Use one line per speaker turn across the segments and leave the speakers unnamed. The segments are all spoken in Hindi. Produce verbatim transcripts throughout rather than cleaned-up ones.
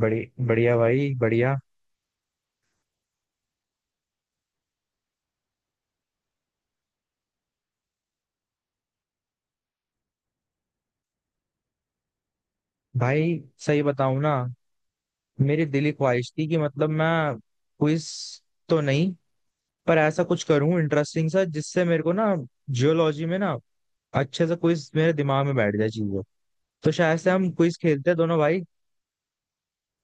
बड़ी बढ़िया भाई बढ़िया। भाई सही बताऊं ना, मेरी दिली ख्वाहिश थी कि मतलब मैं क्विज तो नहीं, पर ऐसा कुछ करूं इंटरेस्टिंग सा जिससे मेरे को ना, जियोलॉजी में ना, अच्छे से क्विज मेरे दिमाग में बैठ जाए चीजें। तो शायद से हम क्विज खेलते हैं दोनों भाई,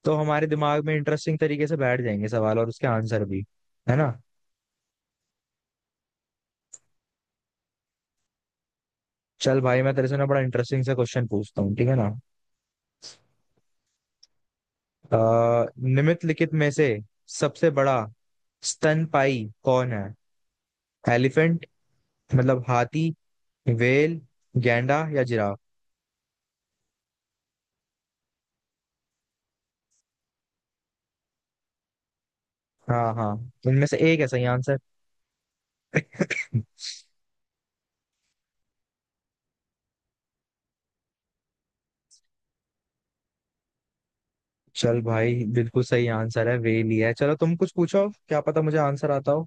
तो हमारे दिमाग में इंटरेस्टिंग तरीके से बैठ जाएंगे सवाल और उसके आंसर भी। है ना। चल भाई मैं तेरे से ना बड़ा इंटरेस्टिंग सा क्वेश्चन पूछता हूँ, ठीक है ना। अ, निम्नलिखित में से सबसे बड़ा स्तनपायी कौन है। एलिफेंट मतलब हाथी, वेल, गैंडा या जिराफ। हाँ हाँ, इनमें से एक है सही आंसर। चल भाई, बिल्कुल सही आंसर है, वेल ही है। चलो तुम कुछ पूछो, क्या पता मुझे आंसर आता हो।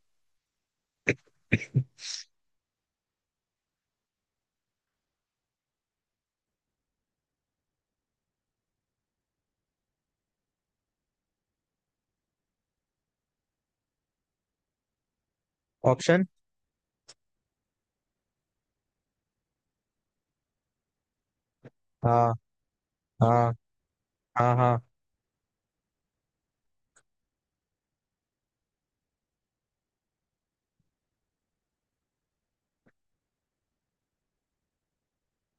ऑप्शन। हाँ हाँ हाँ हाँ।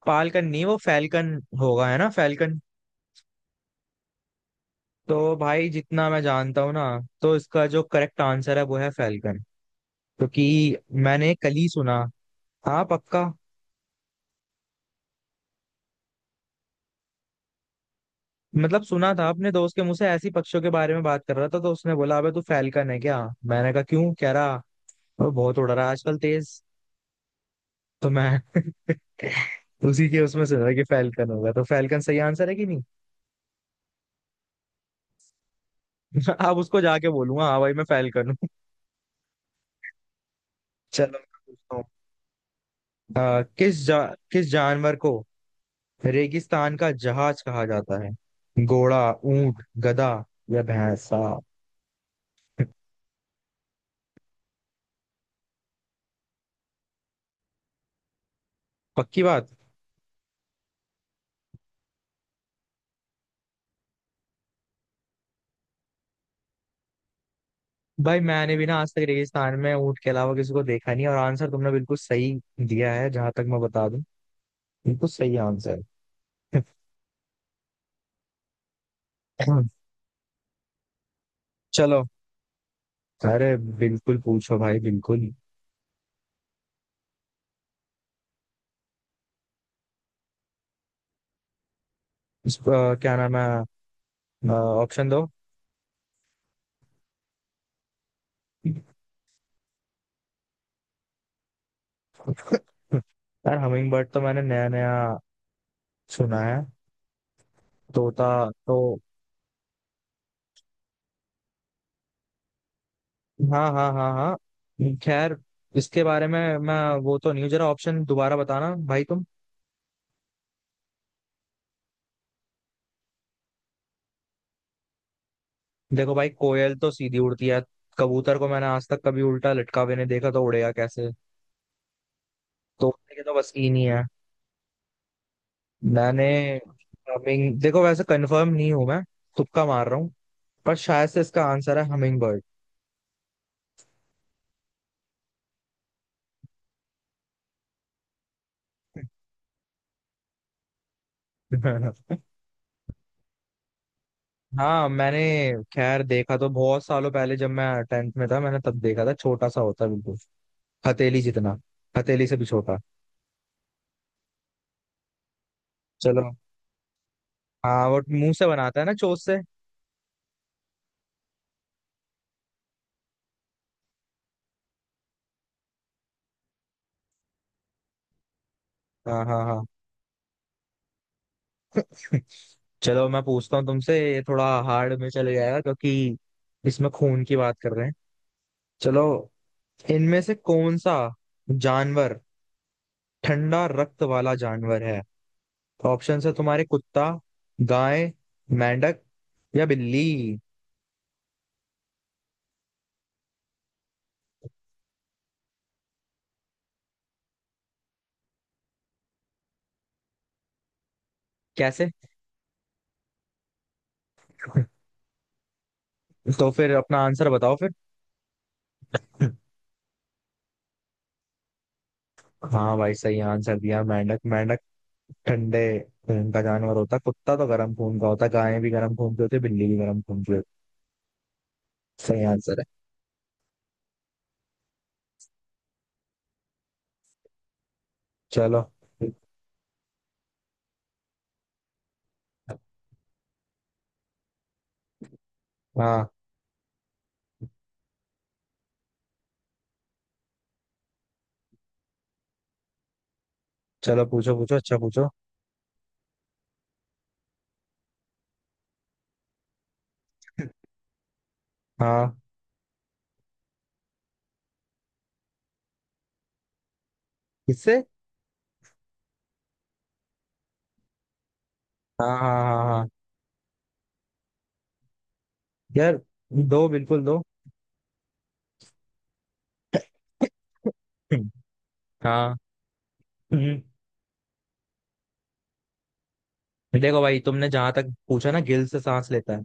पालकन नहीं, वो फैल्कन होगा, है ना, फैल्कन। तो भाई जितना मैं जानता हूँ ना, तो इसका जो करेक्ट आंसर है वो है फैल्कन, क्योंकि मैंने कल ही सुना। हाँ पक्का। मतलब सुना था अपने दोस्त के मुंह से, ऐसी पक्षियों के बारे में बात कर रहा था, तो उसने बोला अबे तू फैलकन है क्या, मैंने कहा क्यों कह रहा, "वो बहुत उड़ रहा है आजकल तेज, तो मैं उसी के उसमें सुना कि फैलकन होगा। तो फैलकन सही आंसर है कि नहीं। अब उसको जाके बोलूंगा हाँ भाई मैं फैलकन हूँ। चलो मैं पूछता हूँ। अ, किस जा, किस जानवर को रेगिस्तान का जहाज कहा जाता है। घोड़ा, ऊंट, गधा या भैंसा। पक्की बात। भाई मैंने भी ना आज तक रेगिस्तान में ऊंट के अलावा किसी को देखा नहीं है, और आंसर तुमने बिल्कुल सही दिया है, जहां तक मैं बता दूं, बिल्कुल सही आंसर है। चलो। अरे बिल्कुल पूछो भाई बिल्कुल। इस, अ, क्या नाम है। ऑप्शन दो। यार हमिंग बर्ड तो मैंने नया नया सुना है। तोता। तो हाँ हाँ हाँ हाँ, खैर इसके बारे में मैं वो तो नहीं हूँ, जरा ऑप्शन दोबारा बताना भाई तुम। देखो भाई, कोयल तो सीधी उड़ती है। कबूतर को मैंने आज तक कभी उल्टा लटका हुए नहीं देखा, तो उड़ेगा कैसे। तोड़ने की तो बस की नहीं है मैंने। हमिंग देखो, वैसे कंफर्म नहीं हूं मैं, तुक्का मार रहा हूँ, पर शायद से इसका आंसर है हमिंग बर्ड। हाँ मैंने खैर देखा तो बहुत सालों पहले, जब मैं टेंथ में था मैंने तब देखा था, छोटा सा होता है बिल्कुल, हथेली जितना, हथेली से भी छोटा। चलो। हाँ वो मुंह से बनाता है ना, चोंच से। हाँ हाँ हाँ। चलो मैं पूछता हूँ तुमसे, ये थोड़ा हार्ड में चले जाएगा, क्योंकि इसमें खून की बात कर रहे हैं। चलो। इनमें से कौन सा जानवर ठंडा रक्त वाला जानवर है। ऑप्शन है तुम्हारे, कुत्ता, गाय, मेंढक या बिल्ली। कैसे। तो फिर अपना आंसर बताओ फिर। हाँ भाई सही आंसर दिया, मेंढक, मेंढक ठंडे खून का जानवर होता है। कुत्ता तो गर्म खून का होता है, गाय भी गर्म खून की होती है, बिल्ली भी गर्म खून की होती है। सही आंसर है। चलो। हाँ। चलो पूछो पूछो, अच्छा पूछो। हाँ। किससे। हाँ हाँ हाँ हाँ। यार दो, बिल्कुल दो। हाँ। हम्म। देखो भाई, तुमने जहां तक पूछा ना गिल्स से सांस लेता है,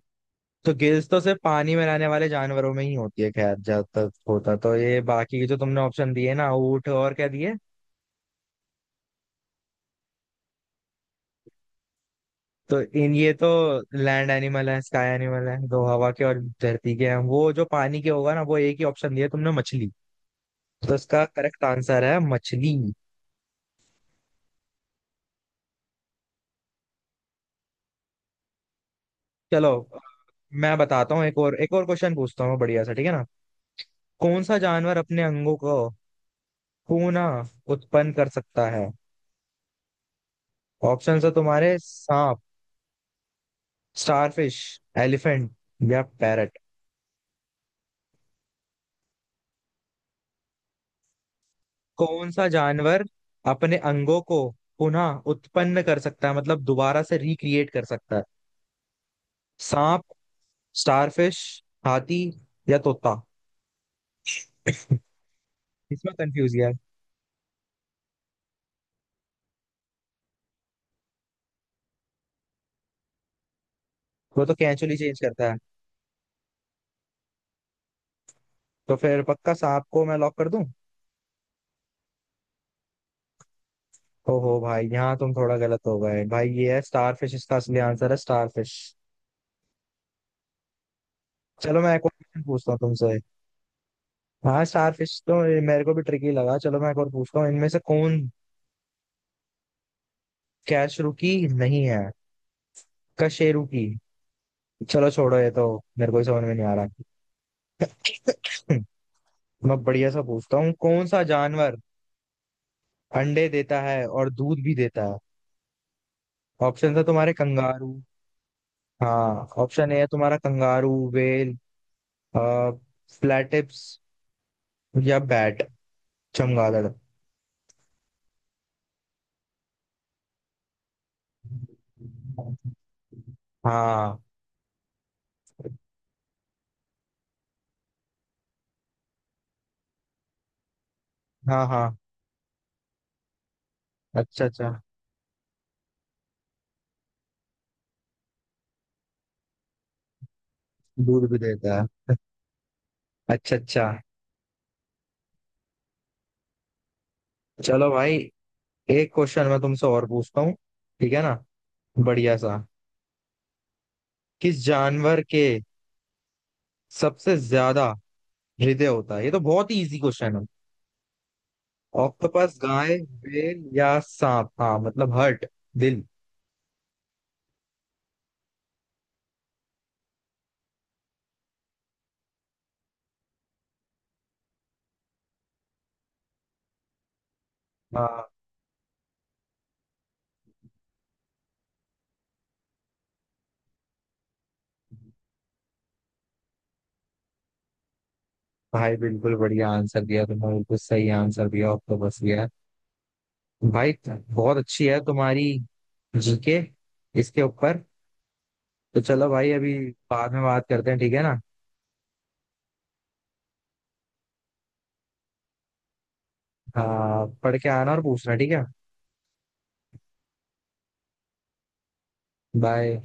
तो गिल्स तो सिर्फ पानी में रहने वाले जानवरों में ही होती है। खैर, जब तक होता तो ये बाकी के जो तुमने ऑप्शन दिए ना, ऊँट और क्या दिए, तो इन ये तो लैंड एनिमल है, स्काई एनिमल है, दो हवा के और धरती के हैं। वो जो पानी के होगा ना, वो एक ही ऑप्शन दिया तुमने, मछली। तो इसका करेक्ट आंसर है मछली। चलो मैं बताता हूँ, एक और, एक और क्वेश्चन पूछता हूँ बढ़िया सा, ठीक है ना। कौन सा जानवर अपने अंगों को पुनः उत्पन्न कर सकता है। ऑप्शन है तुम्हारे, सांप, स्टारफिश, एलिफेंट या पैरट। कौन सा जानवर अपने अंगों को पुनः उत्पन्न कर सकता है, मतलब दोबारा से रिक्रिएट कर सकता है। सांप, स्टारफिश, हाथी या तोता। इसमें कंफ्यूज है। वो तो कैंचुली चेंज करता है। तो फिर पक्का सांप को मैं लॉक कर दूं। ओहो भाई, यहाँ तुम थोड़ा गलत हो गए भाई, ये है स्टारफिश, इसका असली आंसर है स्टारफिश। चलो मैं एक और क्वेश्चन पूछता हूँ तुमसे। हाँ स्टारफिश तो ये मेरे को भी ट्रिकी लगा। चलो मैं एक और पूछता हूँ, इनमें से कौन कैशरू की नहीं है, कशेरू की, चलो छोड़ो ये तो मेरे को ही समझ में नहीं आ रहा। मैं बढ़िया सा पूछता हूँ, कौन सा जानवर अंडे देता है और दूध भी देता है। ऑप्शन है तुम्हारे, कंगारू। हाँ, ऑप्शन ए है तुम्हारा, कंगारू, वेल, फ्लैटिप्स या बैट, चमगादड़। हाँ हाँ हाँ, अच्छा अच्छा, दूध भी देता है, अच्छा अच्छा। चलो भाई, एक क्वेश्चन मैं तुमसे और पूछता हूँ, ठीक है ना, बढ़िया सा। किस जानवर के सबसे ज्यादा हृदय होता है, ये तो बहुत ही इजी क्वेश्चन है। ऑक्टोपस, गाय, बेल या सांप। हाँ मतलब हर्ट, दिल। हाँ भाई, बिल्कुल बढ़िया आंसर दिया तुमने, बिल्कुल सही आंसर दिया, ऑक्टोपस। भाई बहुत अच्छी है तुम्हारी जीके इसके ऊपर। तो चलो भाई अभी बाद में बात करते हैं, ठीक है ना। हाँ पढ़ के आना और पूछना, ठीक है। बाय।